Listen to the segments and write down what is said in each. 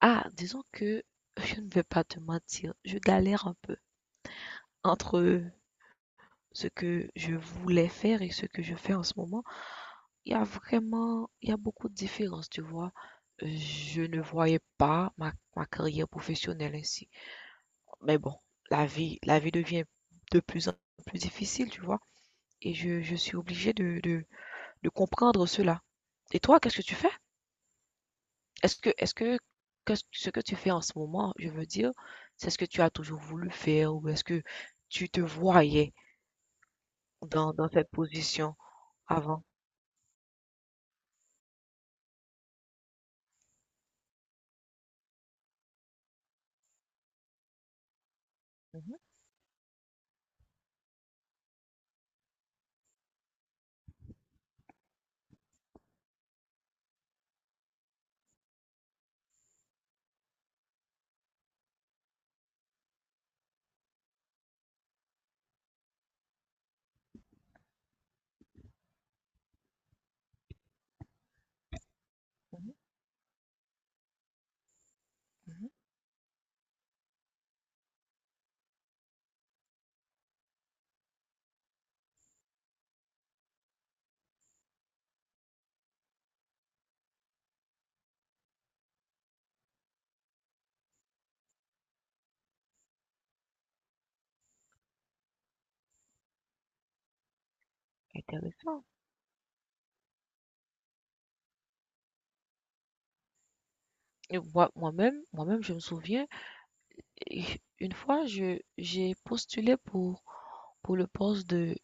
Ah, disons que je ne vais pas te mentir, je galère un peu entre ce que je voulais faire et ce que je fais en ce moment. Il y a beaucoup de différences, tu vois. Je ne voyais pas ma carrière professionnelle ainsi. Mais bon, la vie devient de plus en plus difficile, tu vois. Et je suis obligée de comprendre cela. Et toi, qu'est-ce que tu fais? Est-ce que ce ce que tu fais en ce moment, je veux dire, c'est ce que tu as toujours voulu faire ou est-ce que tu te voyais dans cette position avant? Mhm, mhm, mhm. Intéressant. Et moi, moi-même, je me souviens, et une fois, j'ai postulé pour le poste de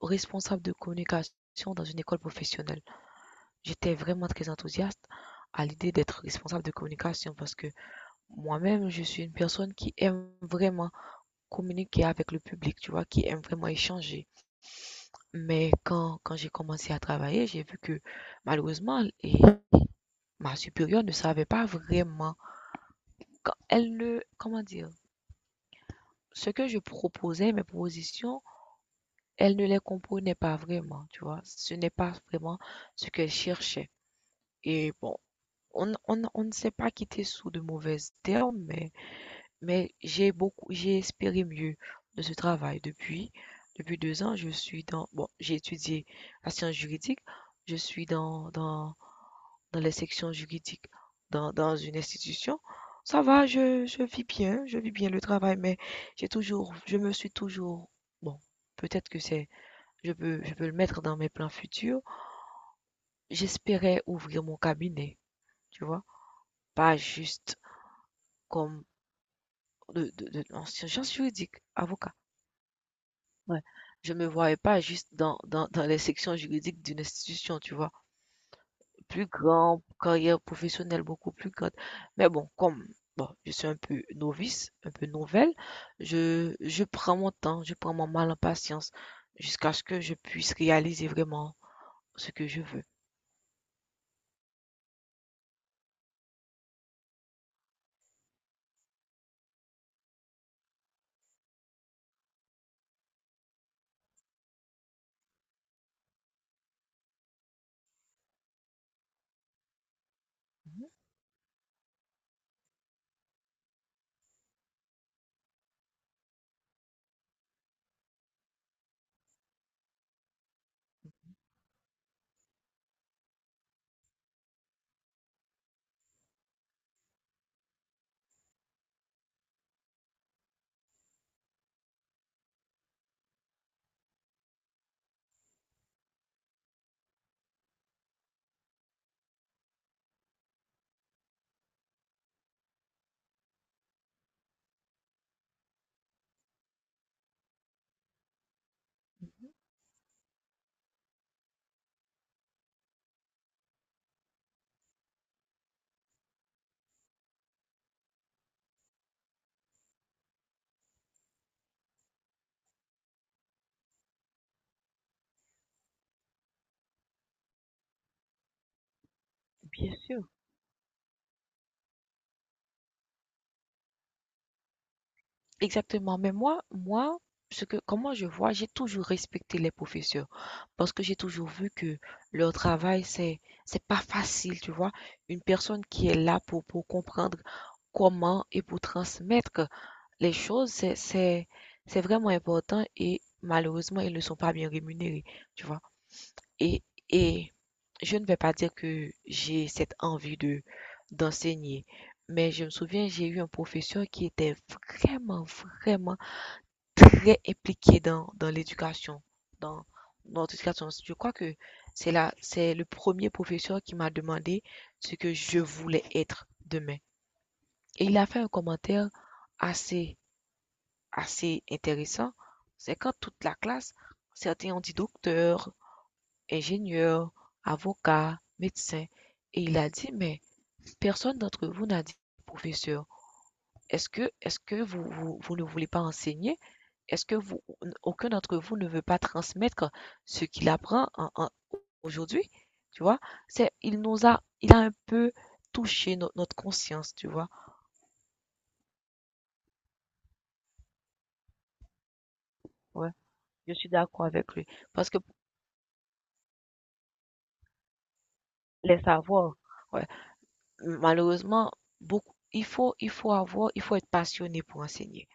responsable de communication dans une école professionnelle. J'étais vraiment très enthousiaste à l'idée d'être responsable de communication parce que moi-même, je suis une personne qui aime vraiment communiquer avec le public, tu vois, qui aime vraiment échanger. Mais quand j'ai commencé à travailler, j'ai vu que malheureusement, et ma supérieure ne savait pas vraiment. Quand elle ne, Comment dire, ce que je proposais, mes propositions, elle ne les comprenait pas vraiment, tu vois. Ce n'est pas vraiment ce qu'elle cherchait. Et bon, on ne s'est pas quitté sous de mauvaises termes, mais j'ai espéré mieux de ce travail. Depuis 2 ans, je suis dans bon, j'ai étudié la science juridique, je suis dans les sections juridiques dans une institution. Ça va, je vis bien, le travail, mais j'ai toujours je me suis toujours bon, peut-être que c'est je peux le mettre dans mes plans futurs. J'espérais ouvrir mon cabinet, tu vois? Pas juste comme de en sciences juridiques, avocat. Ouais. Je me voyais pas juste dans les sections juridiques d'une institution, tu vois? Plus grand, carrière professionnelle beaucoup plus grande. Mais bon, je suis un peu novice, un peu nouvelle, je prends mon temps, je prends mon mal en patience jusqu'à ce que je puisse réaliser vraiment ce que je veux. Mhm, mhm. Bien sûr. Exactement, mais moi, ce que comment je vois, j'ai toujours respecté les professeurs parce que j'ai toujours vu que leur travail, c'est pas facile, tu vois? Une personne qui est là pour comprendre comment et pour transmettre les choses, c'est vraiment important et malheureusement, ils ne sont pas bien rémunérés, tu vois? Et et je ne vais pas dire que j'ai cette envie de d'enseigner, mais je me souviens, j'ai eu un professeur qui était vraiment, vraiment très impliquée dans l'éducation, dans notre éducation. Je crois que c'est le premier professeur qui m'a demandé ce que je voulais être demain. Et il a fait un commentaire assez, assez intéressant. C'est quand toute la classe, certains ont dit docteur, ingénieur, avocat, médecin. Et il a dit, mais personne d'entre vous n'a dit professeur. Est-ce que vous ne voulez pas enseigner? Est-ce que vous Aucun d'entre vous ne veut pas transmettre ce qu'il apprend en en aujourd'hui? Tu vois? C'est il nous a Il a un peu touché no notre conscience, tu vois? Ouais, je suis d'accord avec lui parce que les savoirs, ouais, malheureusement, beaucoup il faut avoir il faut être passionné pour enseigner.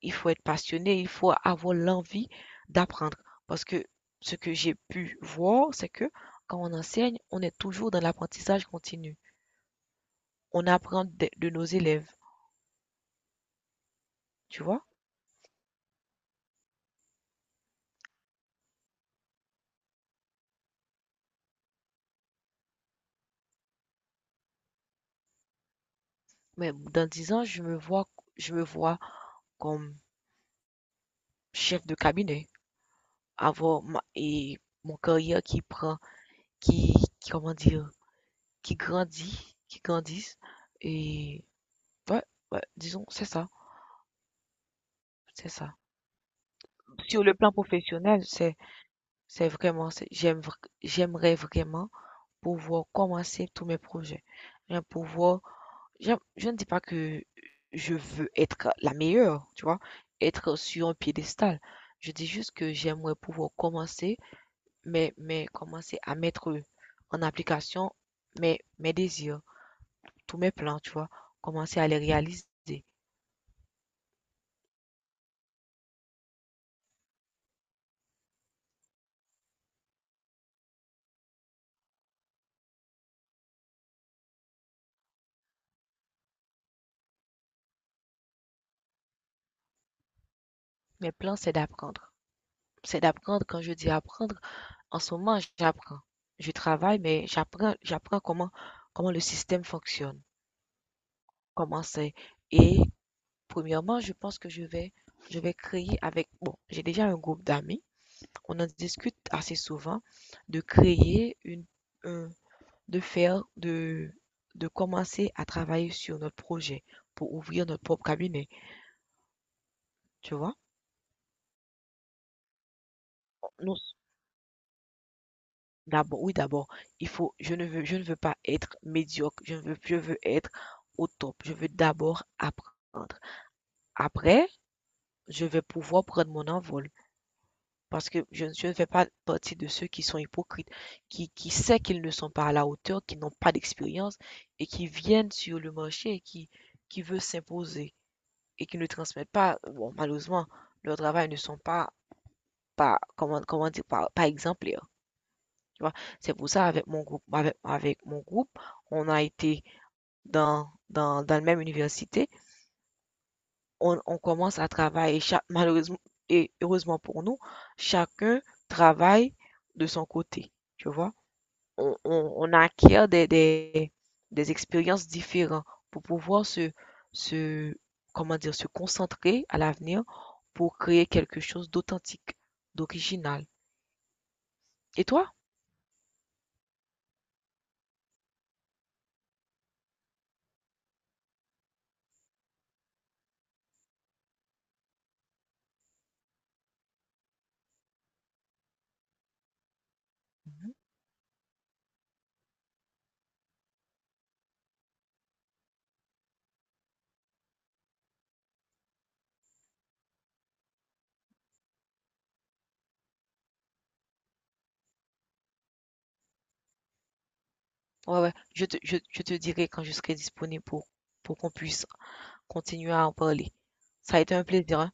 Il faut être passionné, il faut avoir l'envie d'apprendre parce que ce que j'ai pu voir, c'est que quand on enseigne, on est toujours dans l'apprentissage continu. On apprend de nos élèves. Tu vois? Mais dans 10 ans, je me vois comme chef de cabinet, avoir ma, et mon carrière qui prend, qui, comment dire, qui grandit, qui grandisse. Et ouais, ouais, disons, c'est ça, c'est ça. Sur le plan professionnel, j'aimerais vraiment pouvoir commencer tous mes projets. J'aime pouvoir Je, je ne dis pas que je veux être la meilleure, tu vois, être sur un piédestal. Je dis juste que j'aimerais pouvoir commencer, mais commencer à mettre en application mes désirs, tous mes plans, tu vois, commencer à les réaliser. Mes plans, c'est d'apprendre. C'est d'apprendre. Quand je dis apprendre, en ce moment, j'apprends. Je travaille, mais j'apprends comment le système fonctionne. Commencer et Premièrement, je pense que je vais créer avec j'ai déjà un groupe d'amis, on en discute assez souvent de créer une un de faire de commencer à travailler sur notre projet pour ouvrir notre propre cabinet, tu vois? Nous D'abord, oui, d'abord, il faut je ne veux pas être médiocre, je ne veux je veux être au top, je veux d'abord apprendre. Après, je vais pouvoir prendre mon envol. Parce que je ne fais pas partie de ceux qui sont hypocrites, qui sait qu'ils ne sont pas à la hauteur, qui n'ont pas d'expérience et qui viennent sur le marché et qui veulent s'imposer et qui ne transmettent pas, bon, malheureusement, leur travail ne sont pas, comment dire, pas exemplaires, tu vois. C'est pour ça avec mon groupe, on a été dans la même université, on commence à travailler malheureusement et heureusement pour nous, chacun travaille de son côté, tu vois. On acquiert des expériences différentes pour pouvoir se, comment dire, se concentrer à l'avenir pour créer quelque chose d'authentique, d'original. Et toi? Mhm. Ouais, ouais. Je te dirai quand je serai disponible pour qu'on puisse continuer à en parler. Ça a été un plaisir, hein.